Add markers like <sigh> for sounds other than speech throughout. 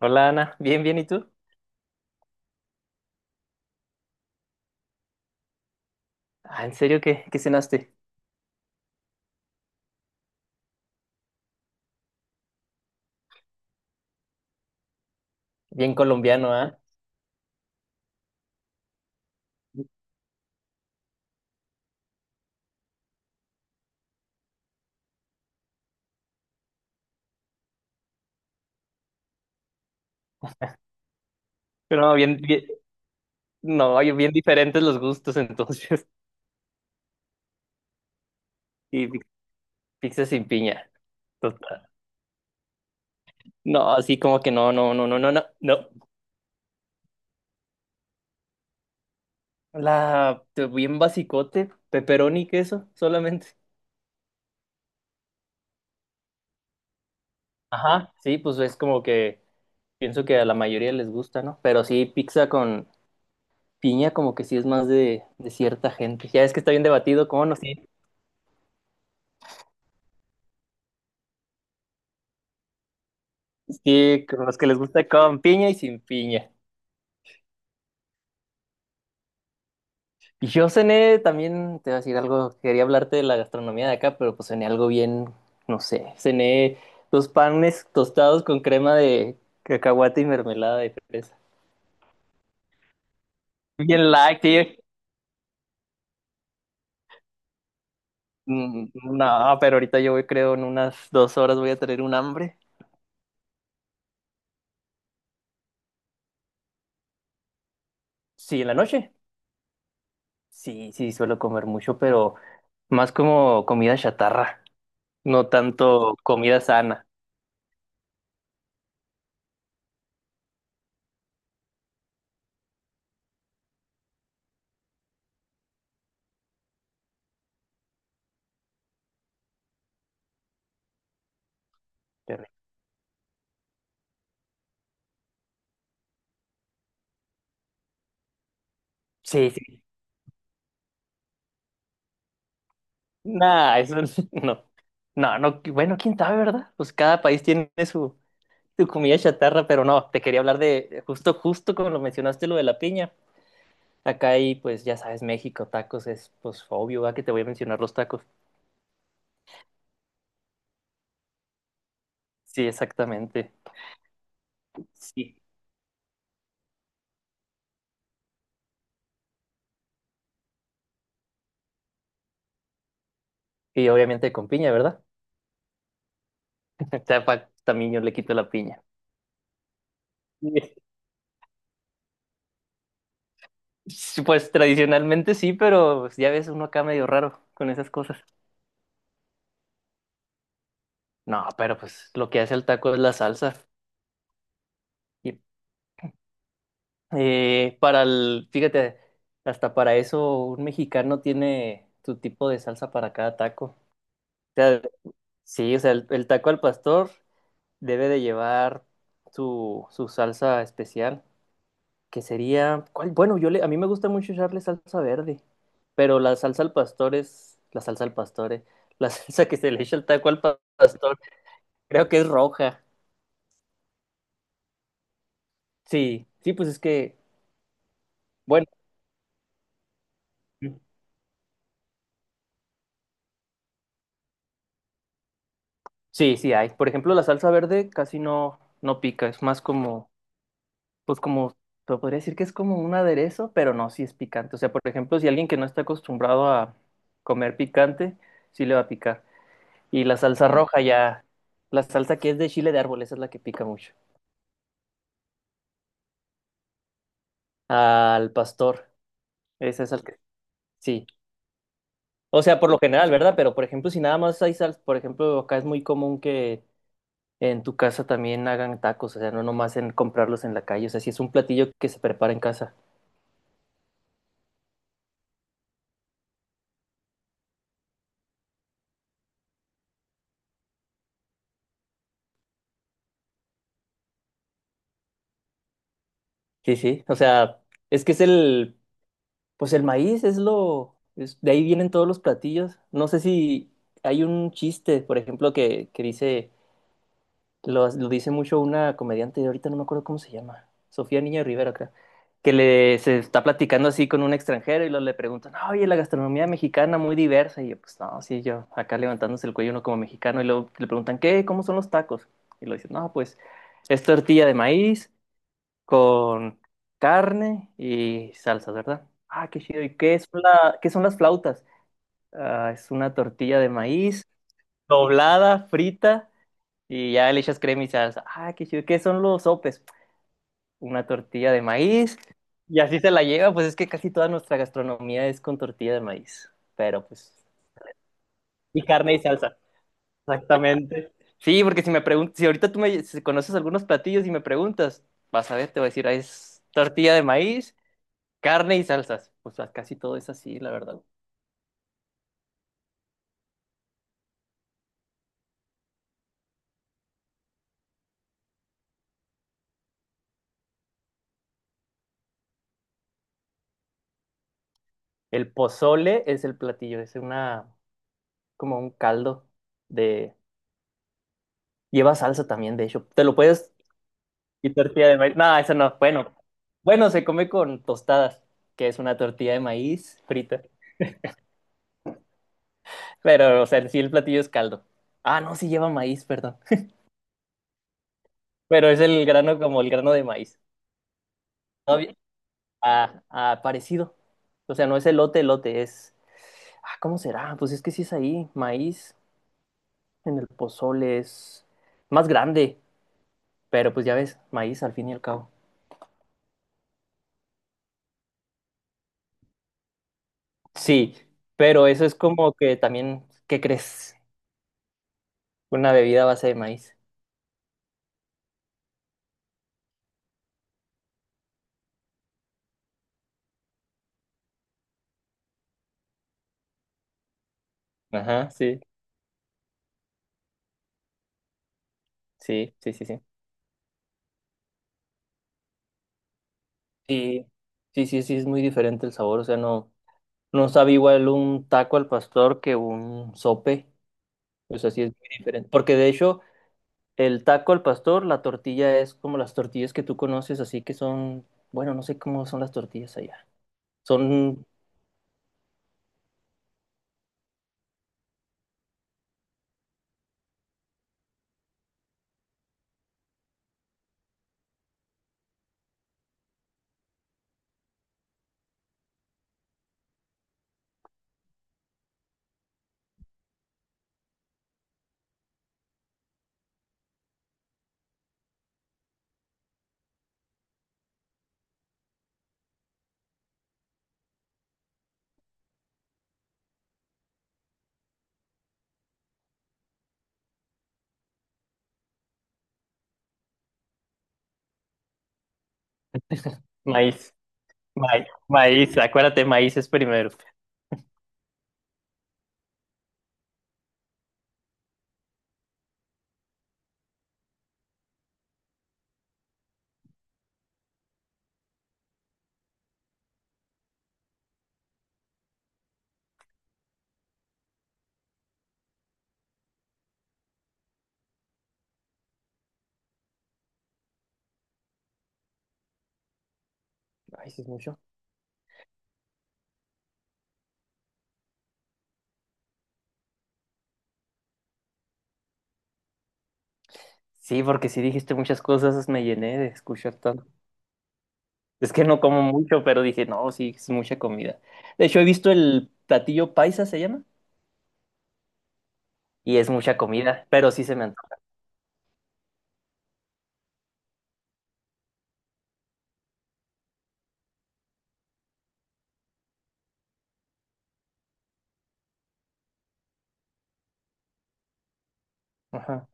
Hola Ana, bien, bien, ¿y tú? Ah, ¿en serio qué cenaste? Bien colombiano, ¿ah? Pero no, bien, bien, no, oye, bien diferentes los gustos entonces. <laughs> Y pi- Pizza sin piña, total. No, así como que no, no, no, no, no, no, no. Bien basicote, pepperoni y queso solamente. Ajá, sí, pues es como que pienso que a la mayoría les gusta, ¿no? Pero sí, pizza con piña como que sí es más de cierta gente. Ya es que está bien debatido, ¿cómo no? Sí, sí, con los que les gusta con piña y sin piña. Y yo cené también, te voy a decir algo, quería hablarte de la gastronomía de acá, pero pues cené algo bien, no sé, cené dos panes tostados con crema de cacahuate y mermelada de fresa. Bien light, tío. No, pero ahorita yo voy, creo, en unas dos horas voy a tener un hambre. Sí, en la noche. Sí, sí, suelo comer mucho, pero más como comida chatarra, no tanto comida sana. Qué rico. Sí, sí. Nah, eso <laughs> no. No, no, bueno, quién sabe, ¿verdad? Pues cada país tiene su, su comida chatarra, pero no, te quería hablar de, justo, justo como lo mencionaste, lo de la piña. Acá hay, pues ya sabes, México, tacos, es pues obvio, ¿va? Que te voy a mencionar los tacos. Sí, exactamente. Sí. Y obviamente con piña, ¿verdad? <laughs> O sea, también yo le quito la piña. <laughs> Sí, pues tradicionalmente sí, pero pues, ya ves uno acá medio raro con esas cosas. No, pero pues lo que hace el taco es la salsa. Y para el, fíjate, hasta para eso un mexicano tiene su tipo de salsa para cada taco. O sea, sí, o sea, el taco al pastor debe de llevar su, su salsa especial, que sería, ¿cuál? Bueno, yo le, a mí me gusta mucho echarle salsa verde, pero la salsa al pastor es, la salsa al pastor, la <laughs> salsa que se le echa al taco al pastor, creo que es roja. Sí, sí, pues es que, bueno. Sí, sí hay. Por ejemplo, la salsa verde casi no, no pica, es más como, pues como, te podría decir que es como un aderezo, pero no, sí es picante. O sea, por ejemplo, si alguien que no está acostumbrado a comer picante, sí le va a picar. Y la salsa roja ya, la salsa que es de chile de árbol, esa es la que pica mucho. Al pastor, ese es el que, sí. O sea, por lo general, ¿verdad? Pero por ejemplo, si nada más hay salsa, por ejemplo, acá es muy común que en tu casa también hagan tacos, o sea, no nomás en comprarlos en la calle, o sea, si es un platillo que se prepara en casa. Sí, sí, o sea, es que es el, pues el maíz es de ahí vienen todos los platillos. No sé si hay un chiste, por ejemplo, que dice, lo dice mucho una comediante, ahorita no me acuerdo cómo se llama, Sofía Niño de Rivera, creo, que le, se está platicando así con un extranjero y lo, le preguntan, "Ah, oye, la gastronomía mexicana muy diversa", y yo, pues no, sí, yo acá levantándose el cuello uno como mexicano, y luego le preguntan, ¿qué? ¿Cómo son los tacos? Y lo dicen, no, pues es tortilla de maíz con carne y salsas, ¿verdad? Ah, qué chido. ¿Y qué es la, qué son las flautas? Ah, es una tortilla de maíz doblada, frita y ya le echas crema y salsa. Ah, qué chido. ¿Qué son los sopes? Una tortilla de maíz y así se la lleva. Pues es que casi toda nuestra gastronomía es con tortilla de maíz, pero pues y carne y salsa. Exactamente. Sí, porque si me preguntas, si ahorita tú me si conoces algunos platillos y me preguntas, vas a ver, te voy a decir, ah, es tortilla de maíz, carne y salsas. Pues casi todo es así, la verdad. El pozole es el platillo, es una, como un caldo de... Lleva salsa también, de hecho. Te lo puedes... Y tortilla de maíz. No, eso no. Bueno, bueno, se come con tostadas, que es una tortilla de maíz frita. Pero, o sea, en sí el platillo es caldo. Ah, no, sí lleva maíz, perdón. Pero es el grano como el grano de maíz. No, bien. Ah, ah, parecido. O sea, no es elote, elote, es... Ah, ¿cómo será? Pues es que sí es ahí, maíz. En el pozole es más grande, pero pues ya ves, maíz al fin y al cabo. Sí, pero eso es como que también, ¿qué crees? Una bebida a base de maíz. Ajá, sí, sí, sí, sí, sí. Sí, sí, sí, sí, es muy diferente el sabor, o sea, no, no sabe igual un taco al pastor que un sope, o sea, sí es muy diferente. Porque de hecho, el taco al pastor, la tortilla es como las tortillas que tú conoces, así que son, bueno, no sé cómo son las tortillas allá. Son maíz. Maíz, acuérdate, maíz es primero. Maíz es mucho. Sí, porque si dijiste muchas cosas, me llené de escuchar tanto. Es que no como mucho, pero dije, no, sí, es mucha comida. De hecho, he visto el platillo paisa, se llama, y es mucha comida, pero sí se me antoja. Ajá,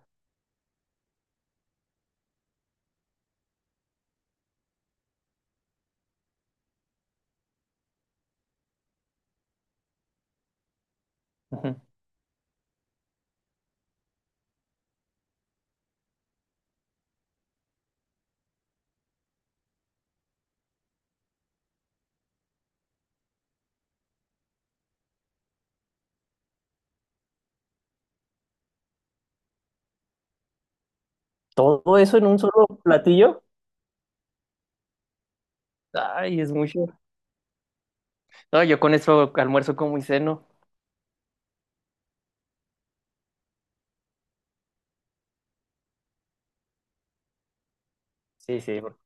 ujú. Todo eso en un solo platillo, ay, es mucho. No, yo con eso almuerzo como y ceno. Sí, sí, porque-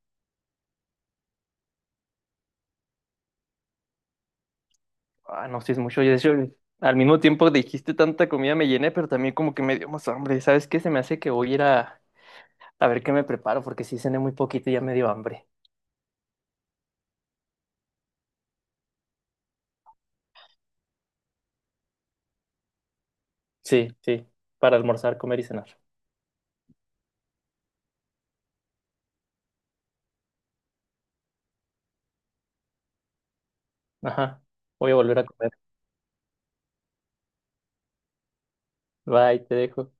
ah, no, sí es mucho. Yo, de hecho, al mismo tiempo dijiste tanta comida, me llené, pero también como que me dio más hambre. ¿Sabes qué? Se me hace que voy a ir a A ver qué me preparo, porque sí cené muy poquito y ya me dio hambre. Sí, sí, para almorzar, comer y cenar. Ajá, voy a volver a comer. Bye, te dejo.